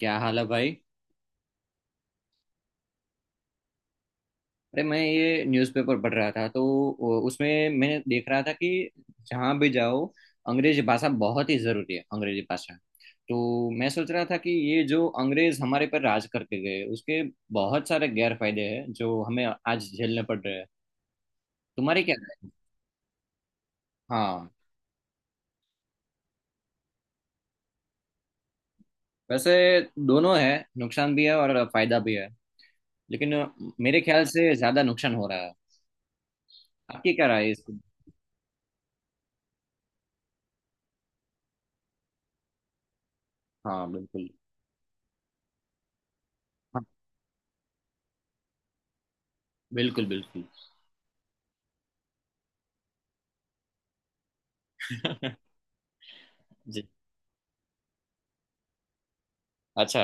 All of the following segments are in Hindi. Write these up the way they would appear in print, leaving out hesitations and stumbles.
क्या हाल है भाई। अरे मैं ये न्यूज़पेपर पढ़ रहा था तो उसमें मैंने देख रहा था कि जहाँ भी जाओ अंग्रेजी भाषा बहुत ही ज़रूरी है अंग्रेजी भाषा। तो मैं सोच रहा था कि ये जो अंग्रेज हमारे पर राज करके गए उसके बहुत सारे गैर फायदे हैं जो हमें आज झेलने पड़ रहे हैं। तुम्हारी क्या राय है? हाँ। वैसे दोनों है। नुकसान भी है और फायदा भी है लेकिन मेरे ख्याल से ज़्यादा नुकसान हो रहा है। आपकी क्या राय है इसकी? हाँ बिल्कुल। हाँ बिल्कुल बिल्कुल। जी। अच्छा।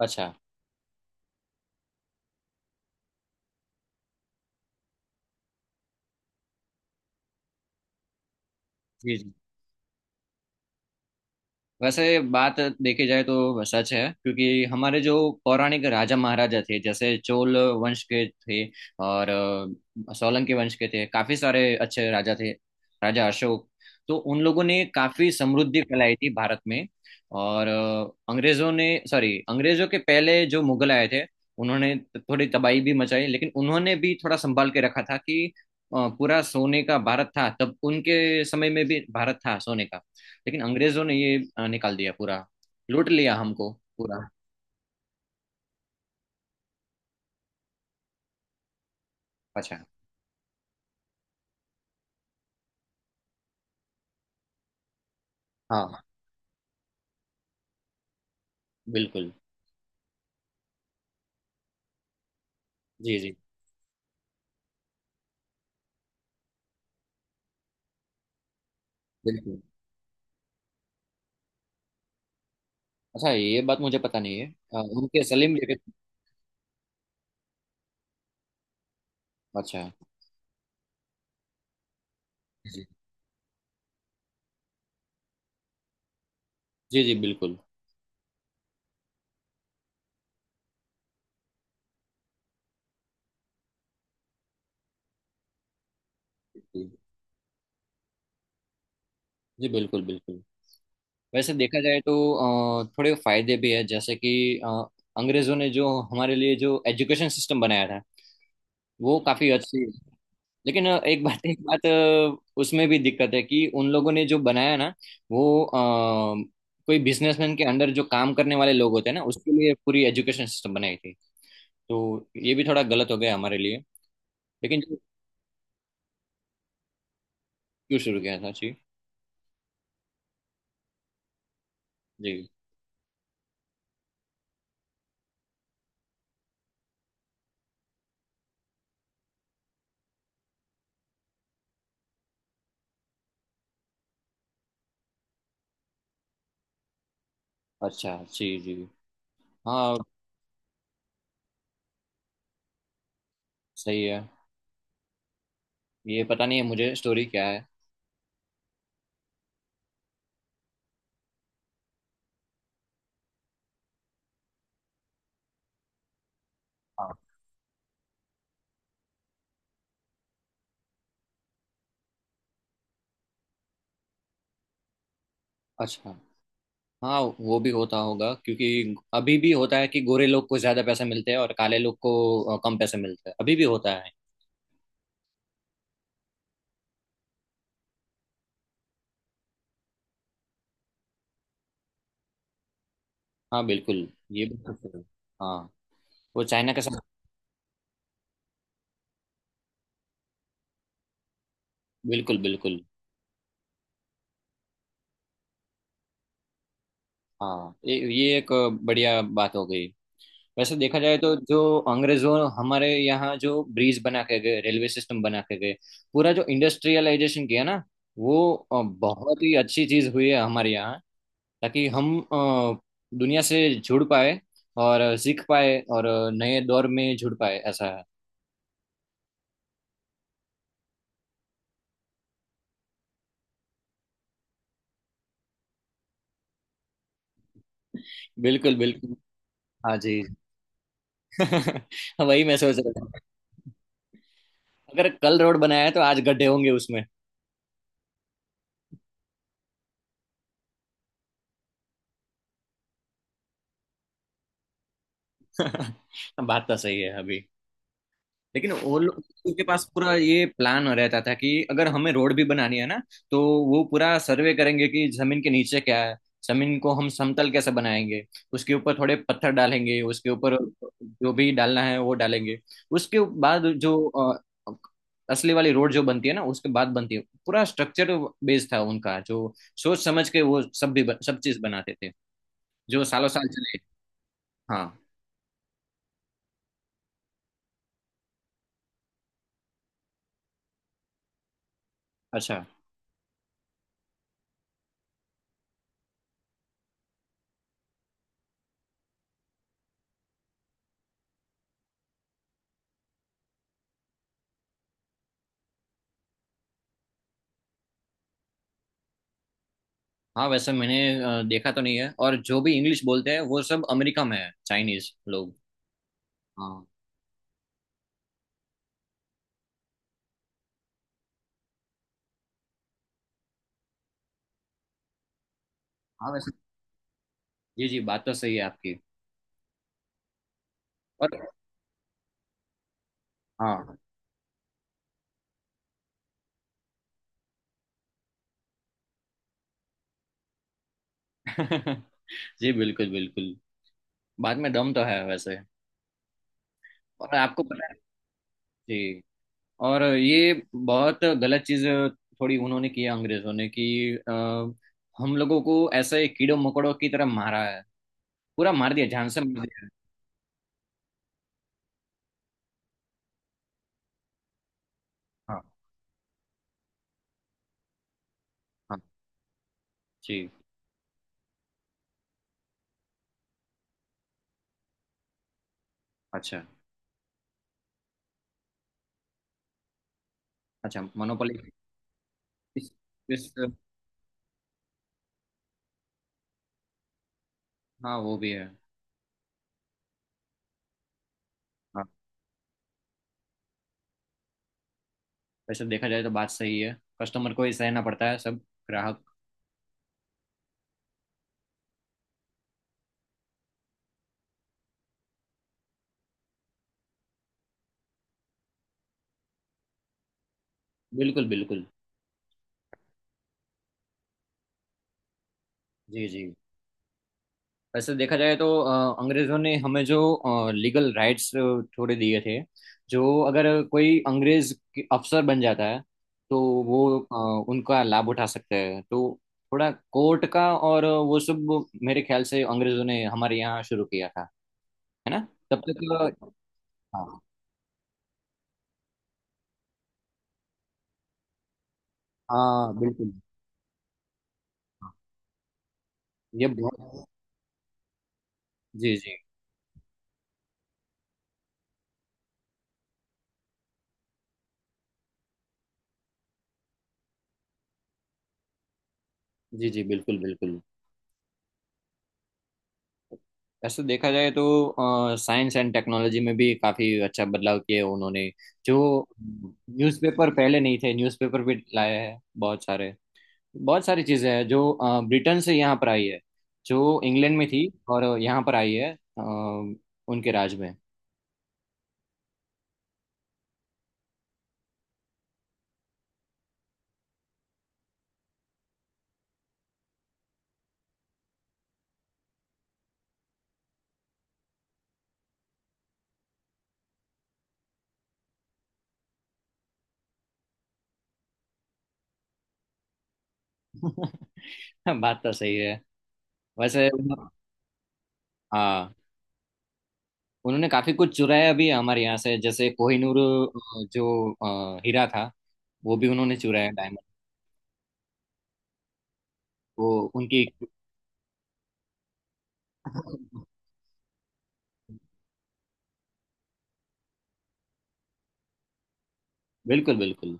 अच्छा जी जी। वैसे बात देखी जाए तो सच है क्योंकि हमारे जो पौराणिक राजा महाराजा थे जैसे चोल वंश के थे और सोलंकी वंश के थे। काफी सारे अच्छे राजा थे, राजा अशोक। तो उन लोगों ने काफी समृद्धि फैलाई थी भारत में। और अंग्रेजों ने सॉरी, अंग्रेजों के पहले जो मुगल आए थे उन्होंने थोड़ी तबाही भी मचाई लेकिन उन्होंने भी थोड़ा संभाल के रखा था कि पूरा सोने का भारत था। तब उनके समय में भी भारत था सोने का, लेकिन अंग्रेजों ने ये निकाल दिया पूरा, लूट लिया हमको पूरा। अच्छा। हाँ बिल्कुल। जी जी बिल्कुल। अच्छा ये बात मुझे पता नहीं है। उनके सलीम जगह। अच्छा। जी जी। जी बिल्कुल। जी जी, बिल्कुल बिल्कुल। वैसे देखा जाए तो थोड़े फायदे भी है जैसे कि अंग्रेजों ने जो हमारे लिए जो एजुकेशन सिस्टम बनाया था वो काफी अच्छी। लेकिन एक बात उसमें भी दिक्कत है कि उन लोगों ने जो बनाया ना वो कोई बिजनेसमैन के अंडर जो काम करने वाले लोग होते हैं ना उसके लिए पूरी एजुकेशन सिस्टम बनाई थी। तो ये भी थोड़ा गलत हो गया हमारे लिए। लेकिन जो क्यों शुरू किया था जी। जी। अच्छा जी जी। हाँ। सही है। ये पता नहीं है मुझे, स्टोरी क्या है? हाँ। अच्छा। हाँ वो भी होता होगा क्योंकि अभी भी होता है कि गोरे लोग को ज्यादा पैसे मिलते हैं और काले लोग को कम पैसे मिलते हैं, अभी भी होता है। हाँ बिल्कुल। ये बिल्कुल सही है। हाँ वो चाइना के साथ। बिल्कुल बिल्कुल। हाँ ये एक बढ़िया बात हो गई। वैसे देखा जाए तो जो अंग्रेजों हमारे यहाँ जो ब्रिज बना के गए, रेलवे सिस्टम बना के गए, पूरा जो इंडस्ट्रियलाइजेशन किया ना वो बहुत ही अच्छी चीज हुई है हमारे यहाँ। ताकि हम दुनिया से जुड़ पाए और सीख पाए और नए दौर में जुड़ पाए, ऐसा है। बिल्कुल बिल्कुल। हाँ जी। वही मैं सोच रहा था, अगर कल रोड बनाया है तो आज गड्ढे होंगे उसमें। बात तो सही है। अभी लेकिन वो लोग, उनके पास पूरा ये प्लान रहता था कि अगर हमें रोड भी बनानी है ना तो वो पूरा सर्वे करेंगे कि जमीन के नीचे क्या है, जमीन को हम समतल कैसे बनाएंगे, उसके ऊपर थोड़े पत्थर डालेंगे, उसके ऊपर जो भी डालना है वो डालेंगे, उसके बाद जो असली वाली रोड जो बनती है ना उसके बाद बनती है। पूरा स्ट्रक्चर बेस्ड था उनका, जो सोच समझ के वो सब भी सब चीज बनाते थे जो सालों साल चले। हाँ। अच्छा। हाँ वैसे मैंने देखा तो नहीं है, और जो भी इंग्लिश बोलते हैं वो सब अमेरिका में है, चाइनीज लोग। हाँ। हाँ वैसे जी जी, बात तो सही है आपकी। और हाँ। जी बिल्कुल बिल्कुल। बात में दम तो है वैसे। और आपको पता है? जी। और ये बहुत गलत चीज थोड़ी उन्होंने की है अंग्रेजों ने कि अ, हम लोगों को ऐसे कीड़ों मकोड़ों की तरह मारा है, पूरा मार दिया, जान से मार दिया है। हाँ। हाँ। जी। अच्छा। अच्छा मोनोपोली। इस, इस। हाँ वो भी है। वैसे तो देखा जाए तो बात सही है, कस्टमर को ही सहना पड़ता है सब, ग्राहक। बिल्कुल बिल्कुल। जी जी। वैसे देखा जाए तो अंग्रेजों ने हमें जो लीगल राइट्स थोड़े दिए थे, जो अगर कोई अंग्रेज के अफसर बन जाता है तो वो उनका लाभ उठा सकते हैं। तो थोड़ा कोर्ट का और वो सब मेरे ख्याल से अंग्रेजों ने हमारे यहाँ शुरू किया था, है ना। तब तक। हाँ। हाँ बिल्कुल। ये बहुत। जी जी। जी जी बिल्कुल बिल्कुल। वैसे देखा जाए तो साइंस एंड टेक्नोलॉजी में भी काफी अच्छा बदलाव किए हैं उन्होंने। जो न्यूज़पेपर पहले नहीं थे, न्यूज़पेपर भी लाए हैं बहुत सारे। बहुत सारी चीजें हैं जो ब्रिटेन से यहाँ पर आई है, जो इंग्लैंड में थी और यहाँ पर आई है अ, उनके राज में। बात तो सही है। वैसे हाँ, उन्होंने काफी कुछ चुराया भी है हमारे यहाँ से जैसे कोहिनूर जो हीरा था, वो भी उन्होंने चुराया, डायमंड। वो उनकी। बिल्कुल बिल्कुल।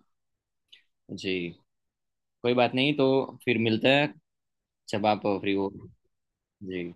जी। कोई बात नहीं तो, फिर मिलते हैं जब आप फ्री हो। जी।